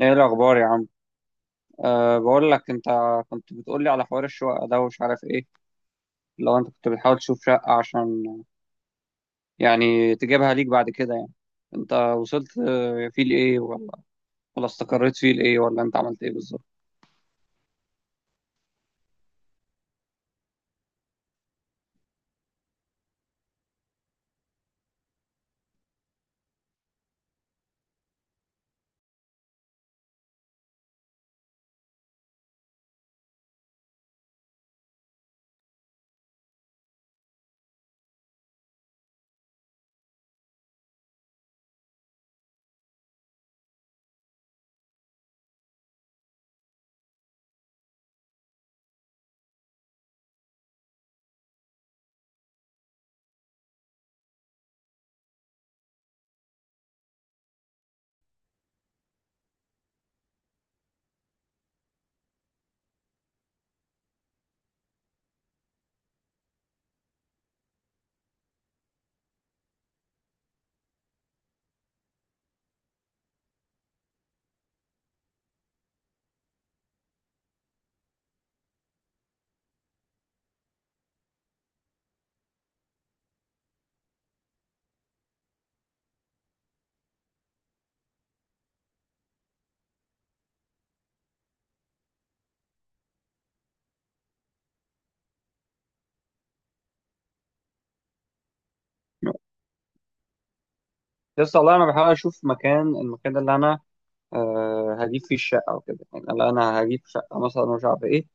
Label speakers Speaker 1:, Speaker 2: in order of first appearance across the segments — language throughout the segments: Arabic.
Speaker 1: ايه الاخبار يا عم؟ بقول لك انت، كنت بتقول لي على حوار الشقه ده ومش عارف ايه. لو انت كنت بتحاول تشوف شقه عشان يعني تجيبها ليك بعد كده يعني، انت وصلت فيه لايه ولا استقريت فيه لايه، ولا انت عملت ايه بالظبط؟ لسه والله، انا بحاول اشوف مكان، المكان ده اللي انا هجيب فيه الشقه وكده، يعني اللي انا هجيب شقه مثلا مش عارف ايه.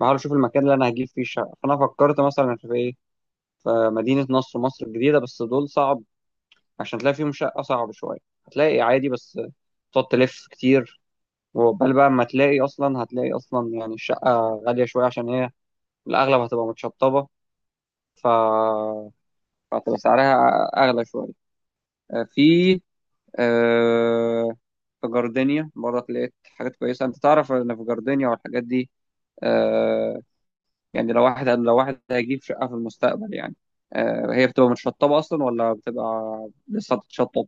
Speaker 1: بحاول اشوف المكان اللي انا هجيب فيه الشقه، فانا فكرت مثلا في ايه، في مدينه نصر، مصر الجديده، بس دول صعب عشان تلاقي فيهم شقة، صعب شوية. هتلاقي عادي بس تقعد تلف كتير، وقبل بقى ما تلاقي أصلا، هتلاقي أصلا يعني الشقة غالية شوية عشان هي الأغلب هتبقى متشطبة. ف... فهتبقى سعرها أغلى شوية. آه، في آه، في جاردينيا برضه لقيت حاجات كويسة. أنت تعرف إن في جاردينيا والحاجات دي، آه، يعني لو واحد هيجيب شقة في المستقبل يعني، هي بتبقى متشطبة أصلا ولا بتبقى لسه هتتشطب؟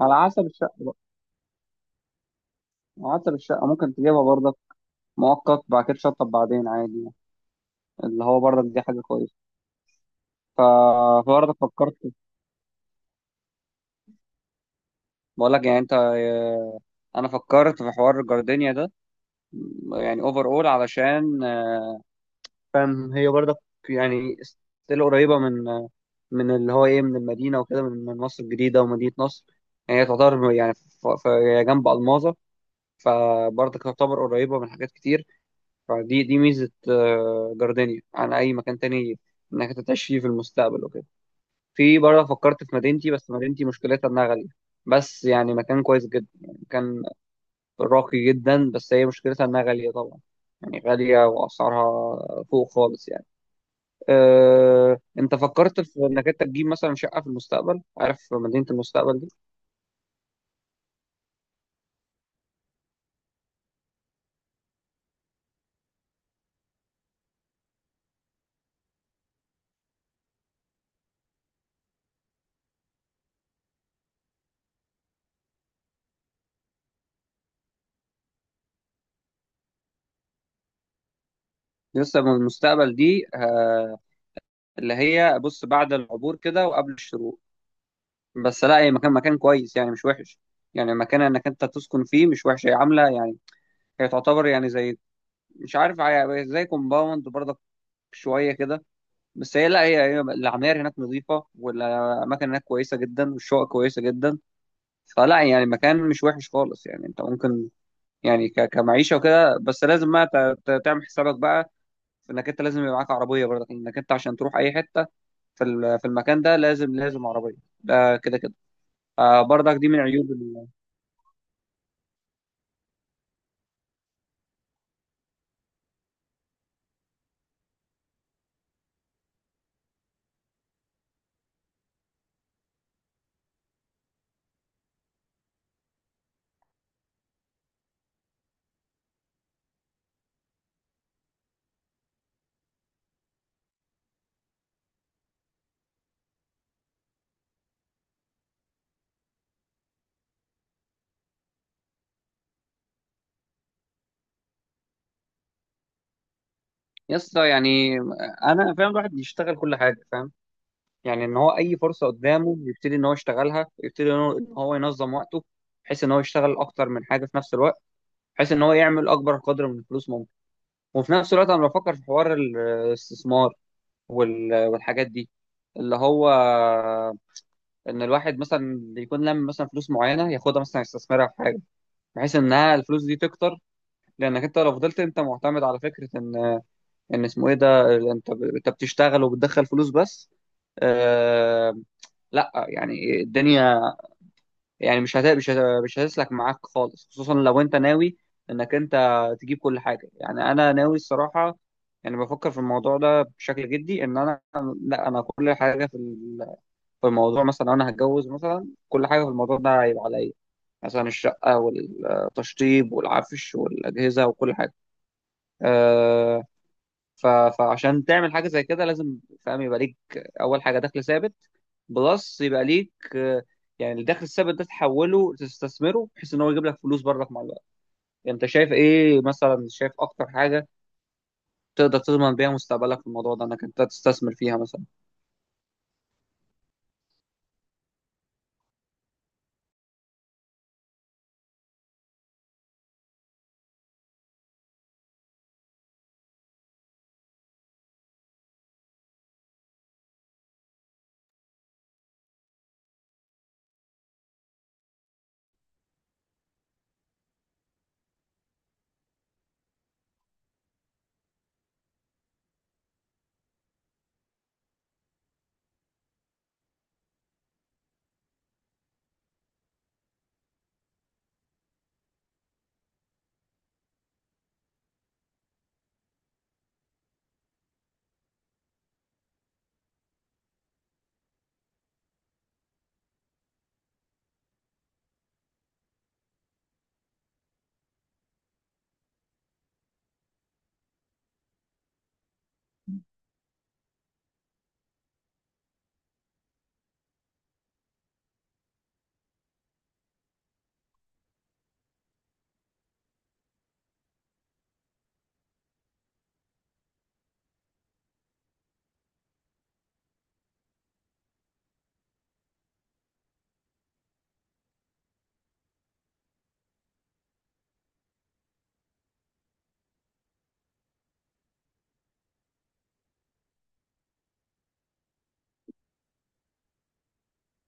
Speaker 1: على حسب الشقة. عطر الشقة ممكن تجيبها برضك مؤقت، بعد كده تشطب بعدين عادي يعني. اللي هو برضك دي حاجة كويسة. ف- فبرضك فكرت. بقول لك يعني انت، انا فكرت في حوار الجاردينيا ده. يعني اوفر اول، علشان فاهم، هي برضك يعني ستيل قريبة من من اللي هو ايه، من المدينة وكده، من مصر الجديدة ومدينة نصر. يعني هي تعتبر يعني، هي جنب ألماظة، فبرضك تعتبر قريبة من حاجات كتير. فدي دي ميزة جاردينيا عن أي مكان تاني، إنك أنت تعيش فيه في المستقبل وكده. في برضه فكرت في مدينتي، بس مدينتي مشكلتها إنها غالية. بس يعني مكان كويس جدا، يعني مكان راقي جدا، بس هي مشكلتها إنها غالية طبعا، يعني غالية وأسعارها فوق خالص يعني. أنت فكرت في إنك أنت تجيب مثلا شقة في المستقبل؟ عارف مدينة المستقبل دي؟ لسه من المستقبل دي اللي هي بص بعد العبور كده وقبل الشروق. بس لا، هي مكان، مكان كويس يعني مش وحش. يعني مكان انك انت تسكن فيه مش وحش، هي عامله يعني، هي تعتبر يعني زي، مش عارف، زي كومباوند برضك شويه كده. بس هي لا، هي العماير هناك نظيفه، والاماكن هناك كويسه جدا، والشقق كويسه جدا. فلا، يعني مكان مش وحش خالص يعني، انت ممكن يعني كمعيشه وكده. بس لازم بقى تعمل حسابك بقى في انك انت لازم يبقى معاك عربيه برضك، انك انت عشان تروح اي حته في في المكان ده، لازم، لازم عربيه، ده كده كده. برضك دي من عيوب. يا اسطى يعني، انا فاهم الواحد بيشتغل كل حاجه، فاهم، يعني ان هو اي فرصه قدامه يبتدي ان هو يشتغلها، يبتدي ان هو إن هو ينظم وقته، بحيث ان هو يشتغل اكتر من حاجه في نفس الوقت، بحيث ان هو يعمل اكبر قدر من الفلوس ممكن. وفي نفس الوقت انا بفكر في حوار الاستثمار والحاجات دي، اللي هو ان الواحد مثلا يكون لم مثلا فلوس معينه، ياخدها مثلا يستثمرها في حاجه بحيث انها الفلوس دي تكتر. لانك انت لو فضلت انت معتمد على فكره ان، ان اسمه ايه ده، انت انت بتشتغل وبتدخل فلوس بس، آه، لا يعني الدنيا يعني مش هتسلك معاك خالص، خصوصا لو انت ناوي انك انت تجيب كل حاجه. يعني انا ناوي الصراحه، يعني بفكر في الموضوع ده بشكل جدي، ان انا لا، انا كل حاجه في في الموضوع، مثلا لو انا هتجوز مثلا، كل حاجه في الموضوع ده هيبقى عليا، مثلا الشقه والتشطيب والعفش والاجهزه وكل حاجه. آه، ف- فعشان تعمل حاجه زي كده لازم، فاهم، يبقى ليك اول حاجه دخل ثابت بلس، يبقى ليك يعني الدخل الثابت ده تحوله تستثمره بحيث ان هو يجيب لك فلوس برضك مع الوقت. انت شايف ايه مثلا؟ شايف اكتر حاجه تقدر تضمن بيها مستقبلك في الموضوع ده، انك انت تستثمر فيها مثلا؟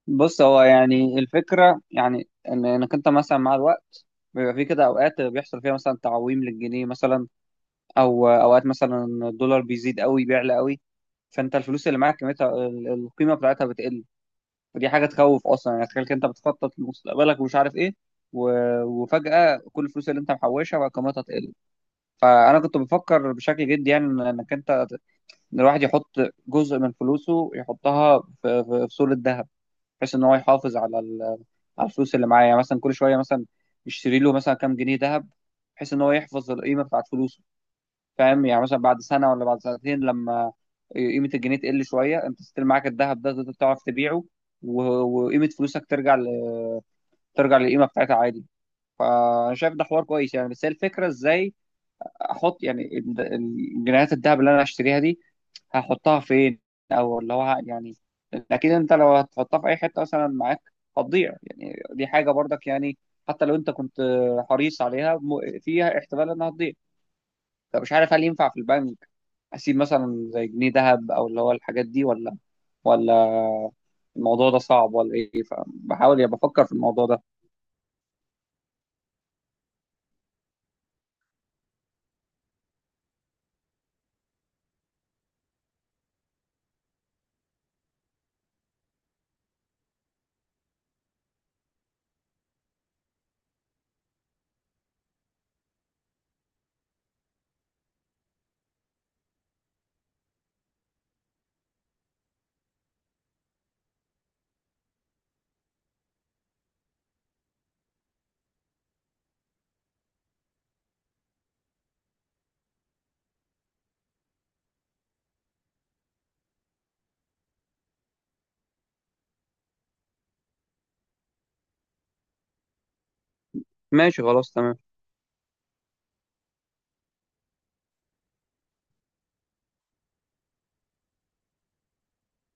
Speaker 1: بص، هو يعني الفكره يعني ان انك انت مثلا مع الوقت، بيبقى في كده اوقات بيحصل فيها مثلا تعويم للجنيه مثلا، او اوقات مثلا الدولار بيزيد قوي، بيعلى قوي، فانت الفلوس اللي معاك قيمتها القيمه بتاعتها بتقل. فدي حاجه تخوف اصلا يعني. تخيل كده، انت بتخطط لمستقبلك ومش عارف ايه، وفجاه كل الفلوس اللي انت محوشها بقى قيمتها تقل. فانا كنت بفكر بشكل جدي يعني، إن الواحد يحط جزء من فلوسه، يحطها في في صورة ذهب، بحيث ان هو يحافظ على على الفلوس اللي معاه. يعني مثلا كل شويه مثلا يشتري له مثلا كام جنيه ذهب، بحيث ان هو يحفظ القيمه بتاعت فلوسه. فاهم؟ يعني مثلا بعد سنه ولا بعد سنتين لما قيمه الجنيه تقل شويه، انت ستيل معاك الذهب ده تقدر تعرف تبيعه، و- وقيمه فلوسك ترجع ترجع للقيمه بتاعتها عادي. فانا شايف ده حوار كويس يعني. بس هي الفكره ازاي احط يعني جنيهات الذهب اللي انا هشتريها دي، هحطها فين؟ او اللي هو يعني اكيد انت لو هتحطها في اي حته مثلا معاك هتضيع. يعني دي حاجه برضك يعني، حتى لو انت كنت حريص عليها فيها احتمال انها تضيع. فمش عارف هل ينفع في البنك اسيب مثلا زي جنيه ذهب او اللي هو الحاجات دي، ولا، ولا الموضوع ده صعب، ولا ايه؟ فبحاول يعني بفكر في الموضوع ده. ماشي، خلاص، تمام.